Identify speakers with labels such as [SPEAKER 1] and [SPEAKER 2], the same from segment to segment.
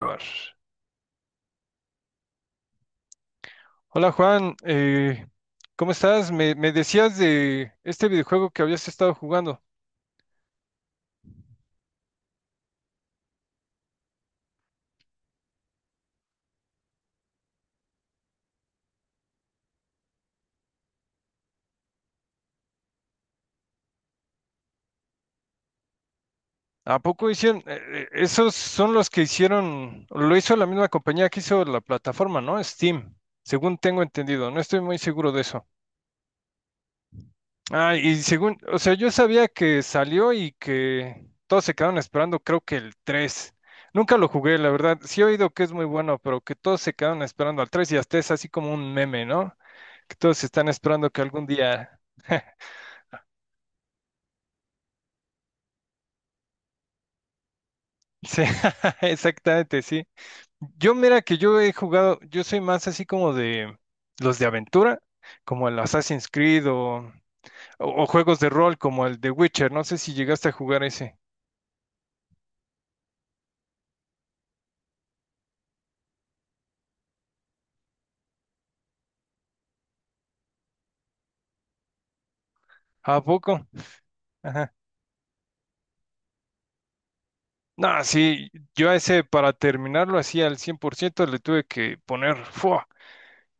[SPEAKER 1] Grabar. Hola Juan, ¿cómo estás? Me decías de este videojuego que habías estado jugando. ¿A poco hicieron? Esos son los que hicieron, lo hizo la misma compañía que hizo la plataforma, ¿no? Steam, según tengo entendido. No estoy muy seguro de eso. Ah, y según, o sea, yo sabía que salió y que todos se quedaron esperando, creo que el 3. Nunca lo jugué, la verdad. Sí he oído que es muy bueno, pero que todos se quedaron esperando al 3 y hasta es así como un meme, ¿no? Que todos están esperando que algún día... Sí, exactamente, sí. Yo mira que yo he jugado, yo soy más así como de los de aventura, como el Assassin's Creed o juegos de rol como el de Witcher. No sé si llegaste a jugar ese. ¿A poco? No, sí, yo a ese para terminarlo así al 100% le tuve que poner ¡fua!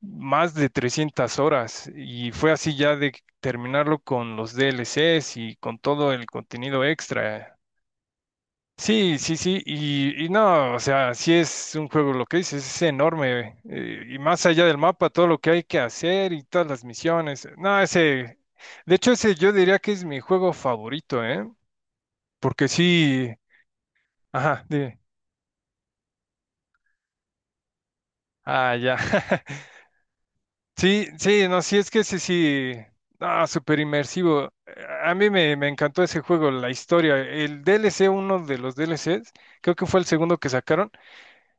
[SPEAKER 1] Más de 300 horas y fue así ya de terminarlo con los DLCs y con todo el contenido extra. Sí, sí, sí, y no, o sea, sí es un juego, lo que dices, es enorme y más allá del mapa, todo lo que hay que hacer y todas las misiones. No, ese, de hecho ese yo diría que es mi juego favorito, ¿eh? Porque sí, ajá, dime. Ah, ya. Sí, sí, no, sí, es que sí, sí, ah, súper inmersivo. A mí me encantó ese juego, la historia. El DLC, uno de los DLCs, creo que fue el segundo que sacaron,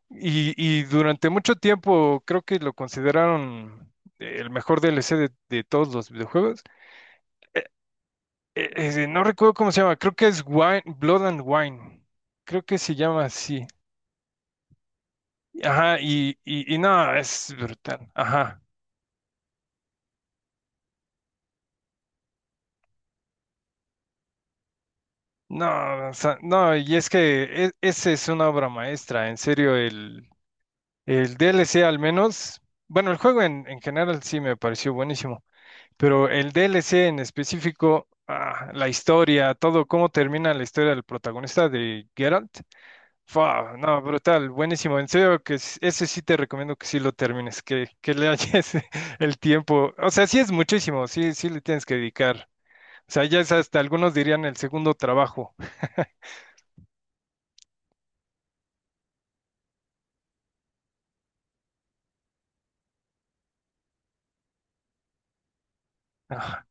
[SPEAKER 1] y durante mucho tiempo creo que lo consideraron el mejor DLC de todos los videojuegos. No recuerdo cómo se llama, creo que es Wine, Blood and Wine, creo que se llama así. Ajá, y no, es brutal. Ajá. No, o sea, no, y es que esa es una obra maestra, en serio, el D L C al menos, bueno, el juego en general sí me pareció buenísimo, pero el D L C en específico, ah, la historia, todo, cómo termina la historia del protagonista de Geralt, fua, no, brutal, buenísimo, en serio, que ese sí te recomiendo que sí lo termines, que le halles el tiempo, o sea, sí es muchísimo, sí, sí le tienes que dedicar, o sea, ya es hasta, algunos dirían el segundo trabajo.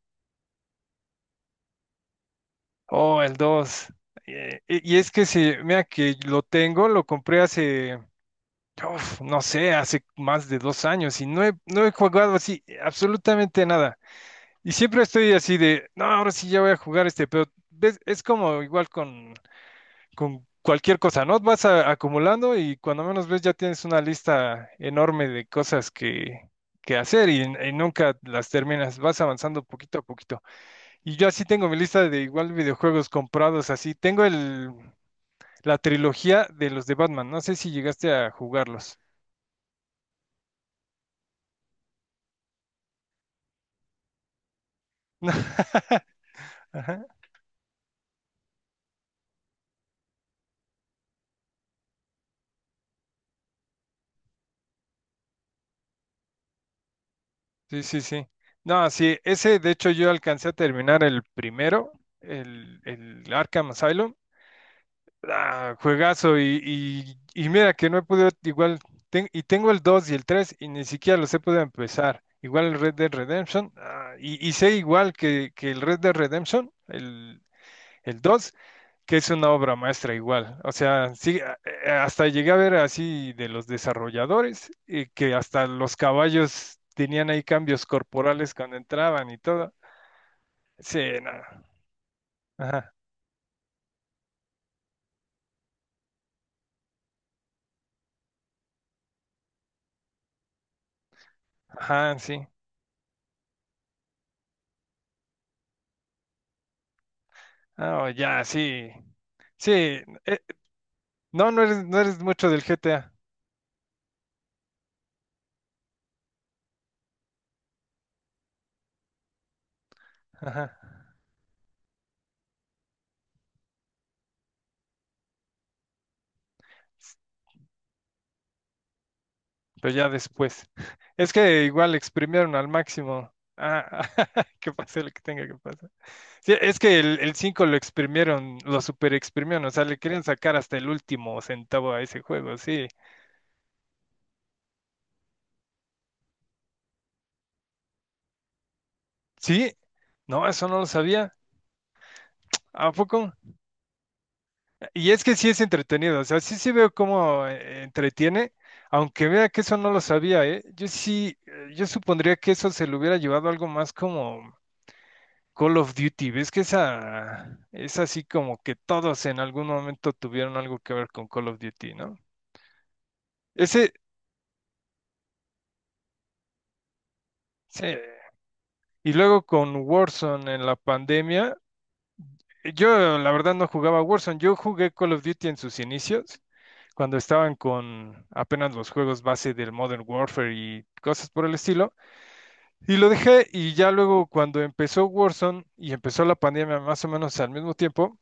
[SPEAKER 1] Oh, el dos. Y es que sí, mira que lo tengo, lo compré hace, uf, no sé, hace más de dos años y no he jugado así absolutamente nada. Y siempre estoy así de, no, ahora sí ya voy a jugar este, pero ves, es como igual con cualquier cosa, ¿no? Vas acumulando y cuando menos ves ya tienes una lista enorme de cosas que hacer y nunca las terminas, vas avanzando poquito a poquito. Y yo así tengo mi lista de igual videojuegos comprados así. Tengo el, la trilogía de los de Batman. No sé si llegaste a jugarlos. Ajá. Sí, sí, sí. No, sí, ese de hecho yo alcancé a terminar el primero, el Arkham Asylum. Ah, juegazo y mira que no he podido igual, y tengo el 2 y el 3 y ni siquiera los he podido empezar. Igual el Red Dead Redemption, ah, y sé igual que el Red Dead Redemption, el 2 que es una obra maestra igual. O sea, sí, hasta llegué a ver así de los desarrolladores, que hasta los caballos tenían ahí cambios corporales cuando entraban y todo. Sí, no. Ajá, ajá, sí. Ah, oh, ya, sí. Sí, eh, no, no eres, no eres mucho del GTA. Ajá. Pero ya después. Es que igual exprimieron al máximo. Ah, que pase lo que tenga que pasar. Sí, es que el 5 lo exprimieron, lo super exprimieron, o sea, le querían sacar hasta el último centavo a ese juego, sí. Sí, no, eso no lo sabía. ¿A poco? Y es que sí es entretenido, o sea, sí sí veo cómo entretiene, aunque vea que eso no lo sabía, ¿eh? Yo sí, yo supondría que eso se lo hubiera llevado algo más como Call of Duty, ¿ves que esa es así como que todos en algún momento tuvieron algo que ver con Call of Duty, ¿no? Ese, sí, y luego con Warzone en la pandemia, yo la verdad no jugaba Warzone, yo jugué Call of Duty en sus inicios, cuando estaban con apenas los juegos base del Modern Warfare y cosas por el estilo, y lo dejé y ya luego cuando empezó Warzone y empezó la pandemia más o menos al mismo tiempo,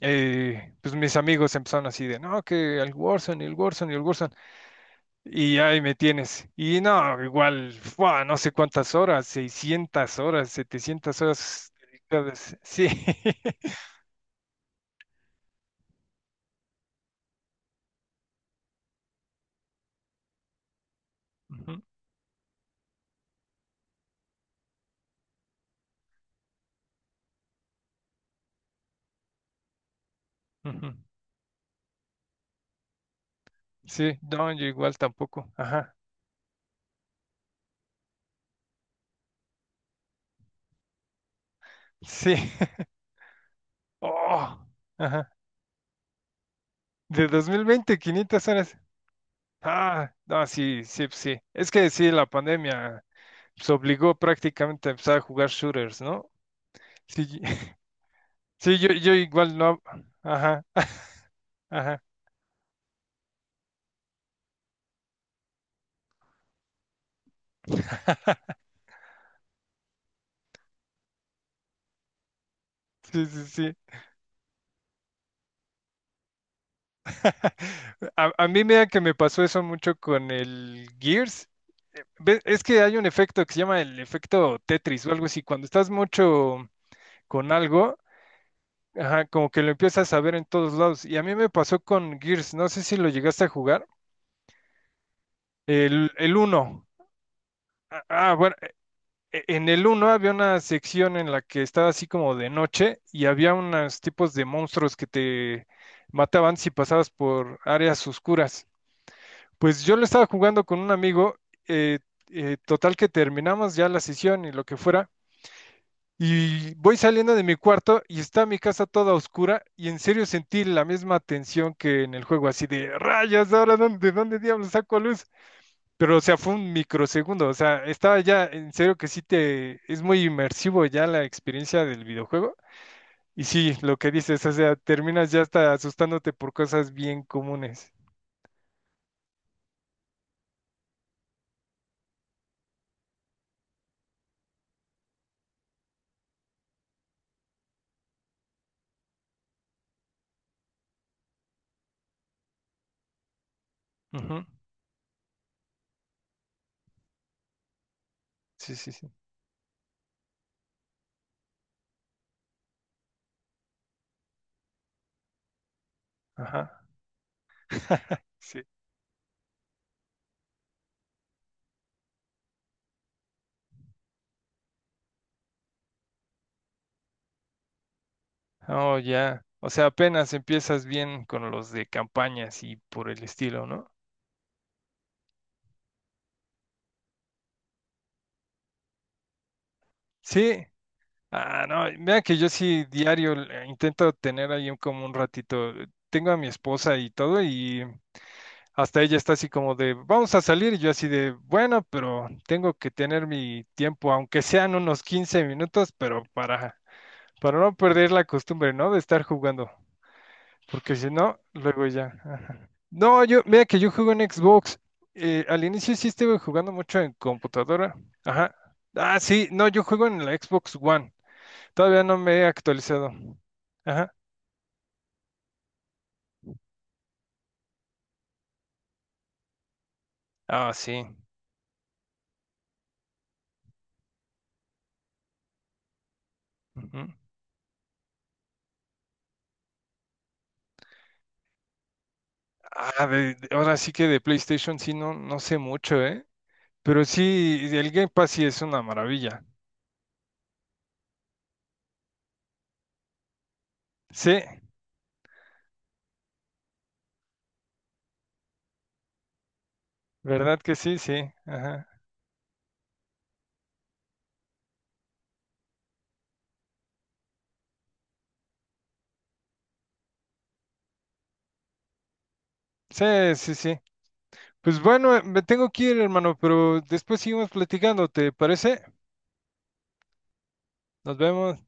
[SPEAKER 1] pues mis amigos empezaron así de, no, que el Warzone y el Warzone y el Warzone. Y ahí me tienes. Y no, igual, ¡fua! No sé cuántas horas, 600 horas, 700 horas dedicadas. Sí. Ujú, ujú. Sí, no, yo igual tampoco. Ajá. Sí. Oh, ajá. De 2020 500 horas. Ah, no, sí, sí, pues sí. Es que sí, la pandemia se obligó prácticamente a empezar a jugar shooters, ¿no? Sí, sí, yo igual no. Ajá, ajá. Sí, sí, sí. A, a mí mira que me pasó eso mucho con el Gears. Es que hay un efecto que se llama el efecto Tetris o algo así. Cuando estás mucho con algo, ajá, como que lo empiezas a ver en todos lados. Y a mí me pasó con Gears. No sé si lo llegaste a jugar. El 1. Ah, ah, bueno, en el uno había una sección en la que estaba así como de noche y había unos tipos de monstruos que te mataban si pasabas por áreas oscuras. Pues yo lo estaba jugando con un amigo, eh, total que terminamos ya la sesión y lo que fuera, y voy saliendo de mi cuarto y está mi casa toda oscura y en serio sentí la misma tensión que en el juego, así de rayas, ahora dónde, de dónde diablos saco luz, pero o sea, fue un microsegundo, o sea, estaba ya en serio que sí te, es muy inmersivo ya la experiencia del videojuego, y sí, lo que dices, o sea, terminas ya hasta asustándote por cosas bien comunes. Ujú. Sí, sí, sí. Ajá. Sí. Oh, ya. O sea, apenas empiezas bien con los de campañas y por el estilo, ¿no? Sí. Ah, no, mira que yo sí diario intento tener ahí como un ratito. Tengo a mi esposa y todo y hasta ella está así como de, vamos a salir y yo así de, bueno, pero tengo que tener mi tiempo, aunque sean unos quince minutos, pero para no perder la costumbre, ¿no? De estar jugando. Porque si no, luego ya. Ajá. No, yo, mira que yo juego en Xbox. Al inicio sí estuve jugando mucho en computadora. Ajá. Ah, sí, no, yo juego en la Xbox One. Todavía no me he actualizado. Ajá. Ah, sí. Ujú. Ah, ahora sí que de PlayStation sí no, no sé mucho, ¿eh? Pero sí, el Game Pass sí es una maravilla. Sí, ¿verdad que sí? Sí. Ajá. Sí, sí, sí. Pues bueno, me tengo que ir, hermano, pero después seguimos platicando, ¿te parece? Nos vemos.